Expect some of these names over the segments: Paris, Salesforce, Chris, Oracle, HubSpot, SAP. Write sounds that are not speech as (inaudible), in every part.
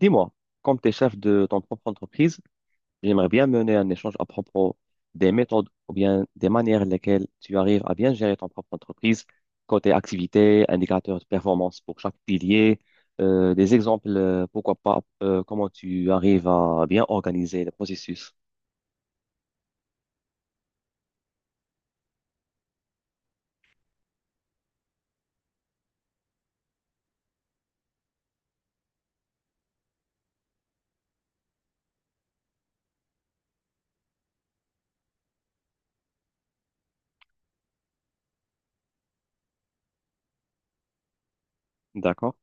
Dis-moi, comme tu es chef de ton propre entreprise, j'aimerais bien mener un échange à propos des méthodes ou bien des manières lesquelles tu arrives à bien gérer ton propre entreprise, côté activité, indicateurs de performance pour chaque pilier, des exemples, pourquoi pas, comment tu arrives à bien organiser le processus. D'accord?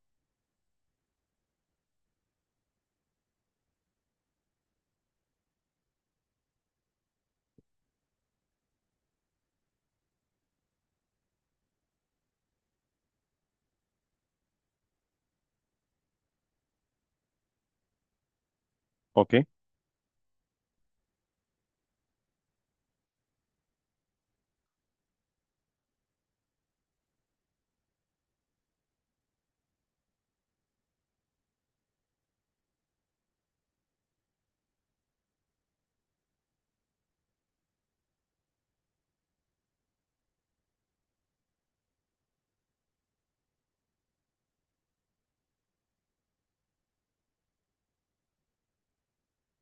OK.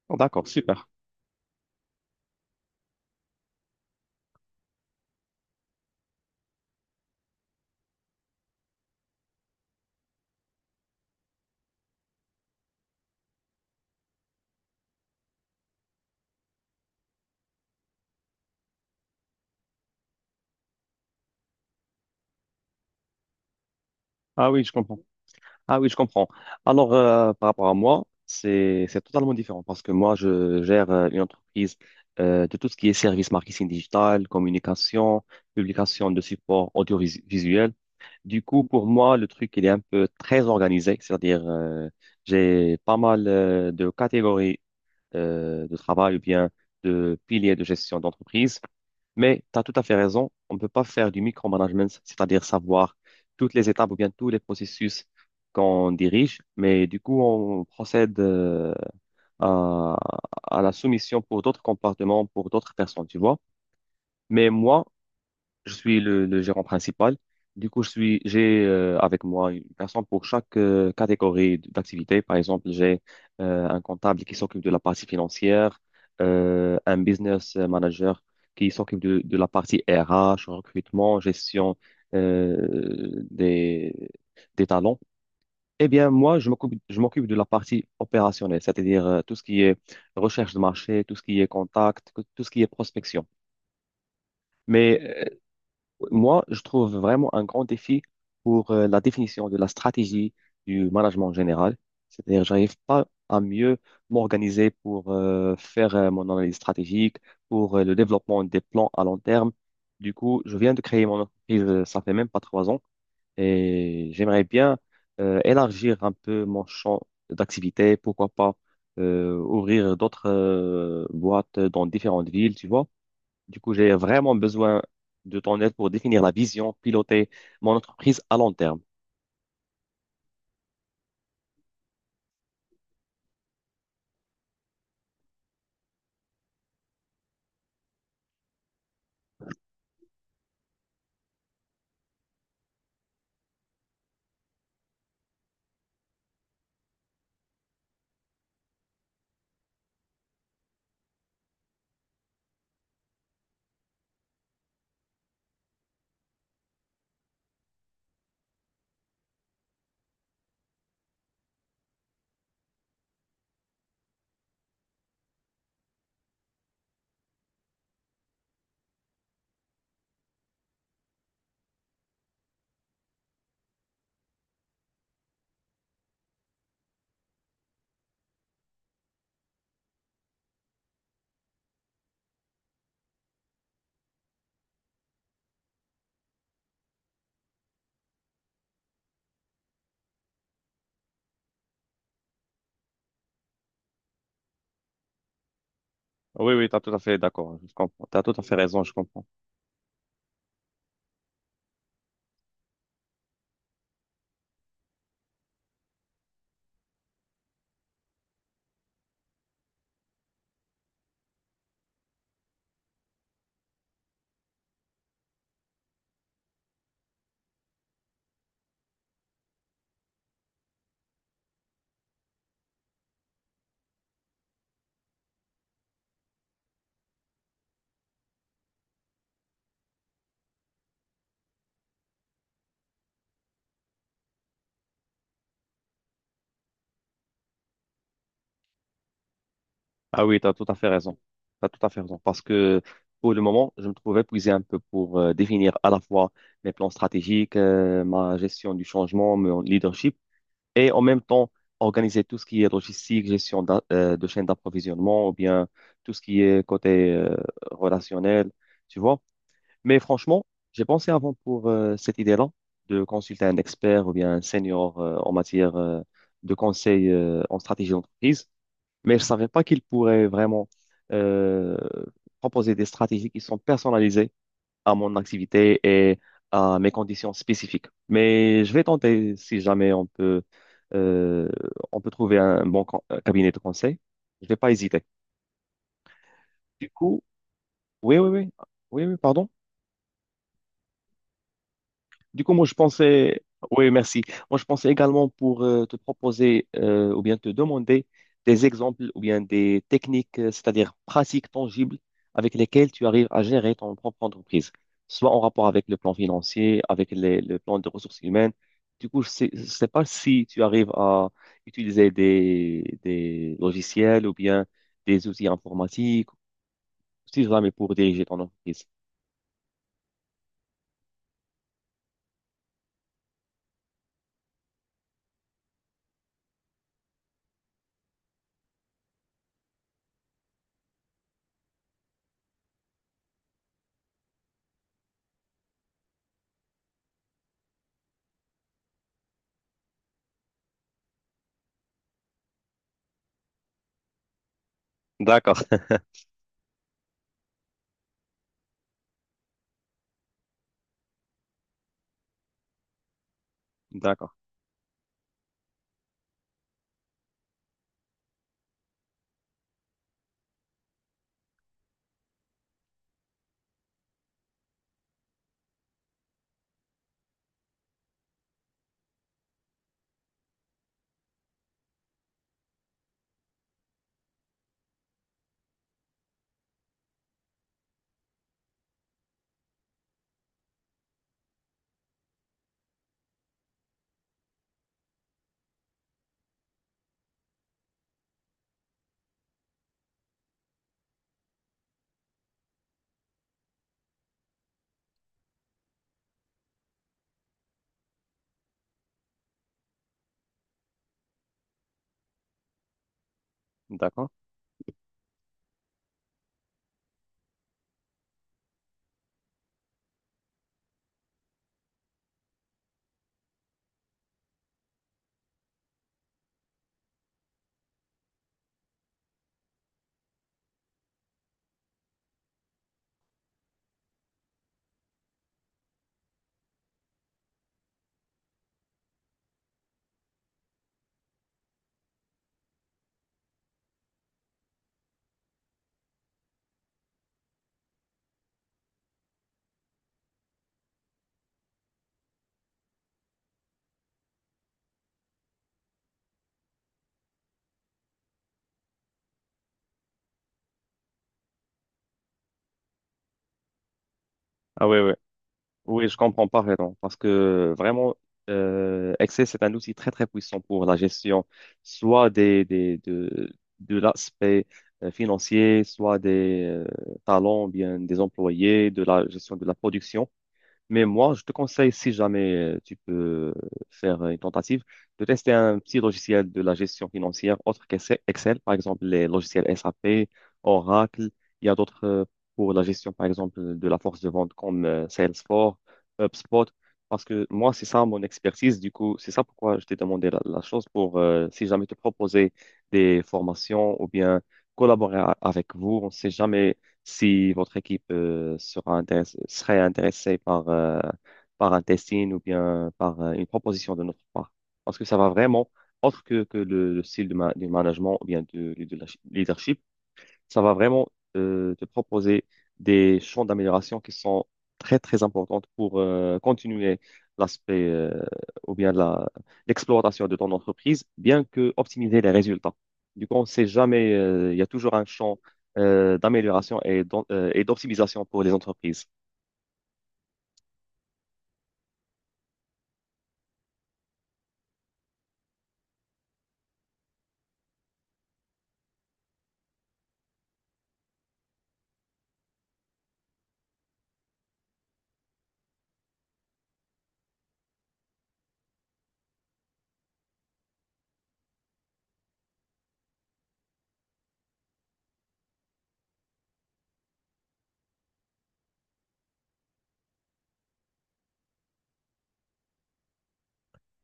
D'accord, super. Ah oui, je comprends. Ah oui, je comprends. Alors, par rapport à moi, c'est totalement différent parce que moi, je gère une entreprise de tout ce qui est service marketing digital, communication, publication de supports audiovisuels. Du coup, pour moi, le truc, il est un peu très organisé, c'est-à-dire, j'ai pas mal de catégories de travail ou bien de piliers de gestion d'entreprise. Mais tu as tout à fait raison, on ne peut pas faire du micromanagement, c'est-à-dire savoir toutes les étapes ou bien tous les processus qu'on dirige, mais du coup, on procède à, à la soumission pour d'autres comportements, pour d'autres personnes, tu vois. Mais moi, je suis le gérant principal. Du coup, j'ai avec moi une personne pour chaque catégorie d'activité. Par exemple, j'ai un comptable qui s'occupe de la partie financière, un business manager qui s'occupe de la partie RH, recrutement, gestion euh, des, des talents. Eh bien, moi, je m'occupe de la partie opérationnelle, c'est-à-dire, tout ce qui est recherche de marché, tout ce qui est contact, tout ce qui est prospection. Mais moi, je trouve vraiment un grand défi pour la définition de la stratégie du management en général. C'est-à-dire, j'arrive pas à mieux m'organiser pour faire mon analyse stratégique, pour le développement des plans à long terme. Du coup, je viens de créer mon entreprise, ça fait même pas trois ans, et j'aimerais bien élargir un peu mon champ d'activité. Pourquoi pas ouvrir d'autres boîtes dans différentes villes, tu vois. Du coup, j'ai vraiment besoin de ton aide pour définir la vision, piloter mon entreprise à long terme. Oui, oui, tu as tout à fait d'accord. Je comprends. Tu as tout à fait raison, je comprends. Ah oui, tu as tout à fait raison. Tu as tout à fait raison. Parce que pour le moment, je me trouve épuisé un peu pour définir à la fois mes plans stratégiques, ma gestion du changement, mon leadership, et en même temps organiser tout ce qui est logistique, gestion de chaîne d'approvisionnement, ou bien tout ce qui est côté relationnel, tu vois. Mais franchement, j'ai pensé avant pour cette idée-là de consulter un expert ou bien un senior en matière de conseil en stratégie d'entreprise mais je savais pas qu'ils pourraient vraiment euh, proposer des stratégies qui sont personnalisées à mon activité et à mes conditions spécifiques. Mais je vais tenter si jamais on peut, euh, on peut trouver un bon cabinet de conseil. Je vais pas hésiter. Du coup, oui, oui, oui, oui, oui, pardon. Du coup, moi, je pensais, oui, merci. Moi, je pensais également pour te proposer ou bien te demander des exemples ou bien des techniques, c'est-à-dire pratiques tangibles avec lesquelles tu arrives à gérer ton propre entreprise, soit en rapport avec le plan financier, avec le plan de ressources humaines. Du coup, je sais pas si tu arrives à utiliser des logiciels ou bien des outils informatiques, si jamais pour diriger ton entreprise. D'accord, (laughs) d'accord, d'accord. Ah oui, oui. Oui, je comprends parfaitement. Parce que vraiment, Excel, c'est un outil très, très puissant pour la gestion, soit de l'aspect financier, soit des talents, bien des employés, de la gestion de la production. Mais moi, je te conseille, si jamais tu peux faire une tentative, de tester un petit logiciel de la gestion financière autre qu'Excel, Excel, par exemple les logiciels SAP, Oracle. Il y a d'autres pour la gestion, par exemple, de la force de vente comme Salesforce, HubSpot. Parce que moi, c'est ça mon expertise. Du coup, c'est ça pourquoi je t'ai demandé la chose pour, si jamais te proposer des formations ou bien collaborer avec vous. On ne sait jamais si votre équipe serait intéressée par, par un testing ou bien par une proposition de notre part. Parce que ça va vraiment, autre que, le style de du management ou bien du leadership, ça va vraiment te proposer des champs d'amélioration qui sont très, très importants pour continuer l'aspect ou bien l'exploitation de ton entreprise, bien que optimiser les résultats. Du coup, on ne sait jamais, il y a toujours un champ d'amélioration et d'optimisation pour les entreprises.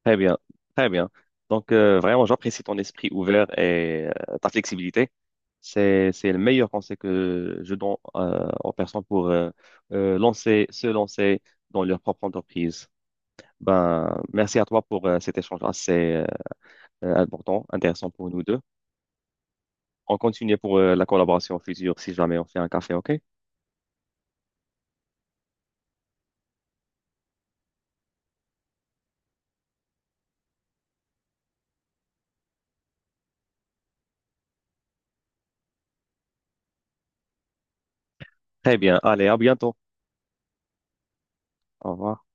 Très bien, très bien. Donc, vraiment, j'apprécie ton esprit ouvert et ta flexibilité. C'est le meilleur conseil que je donne aux personnes pour lancer, se lancer dans leur propre entreprise. Ben, merci à toi pour cet échange assez important, intéressant pour nous deux. On continue pour la collaboration future si jamais on fait un café, OK? Très bien. Allez, à bientôt. Au revoir.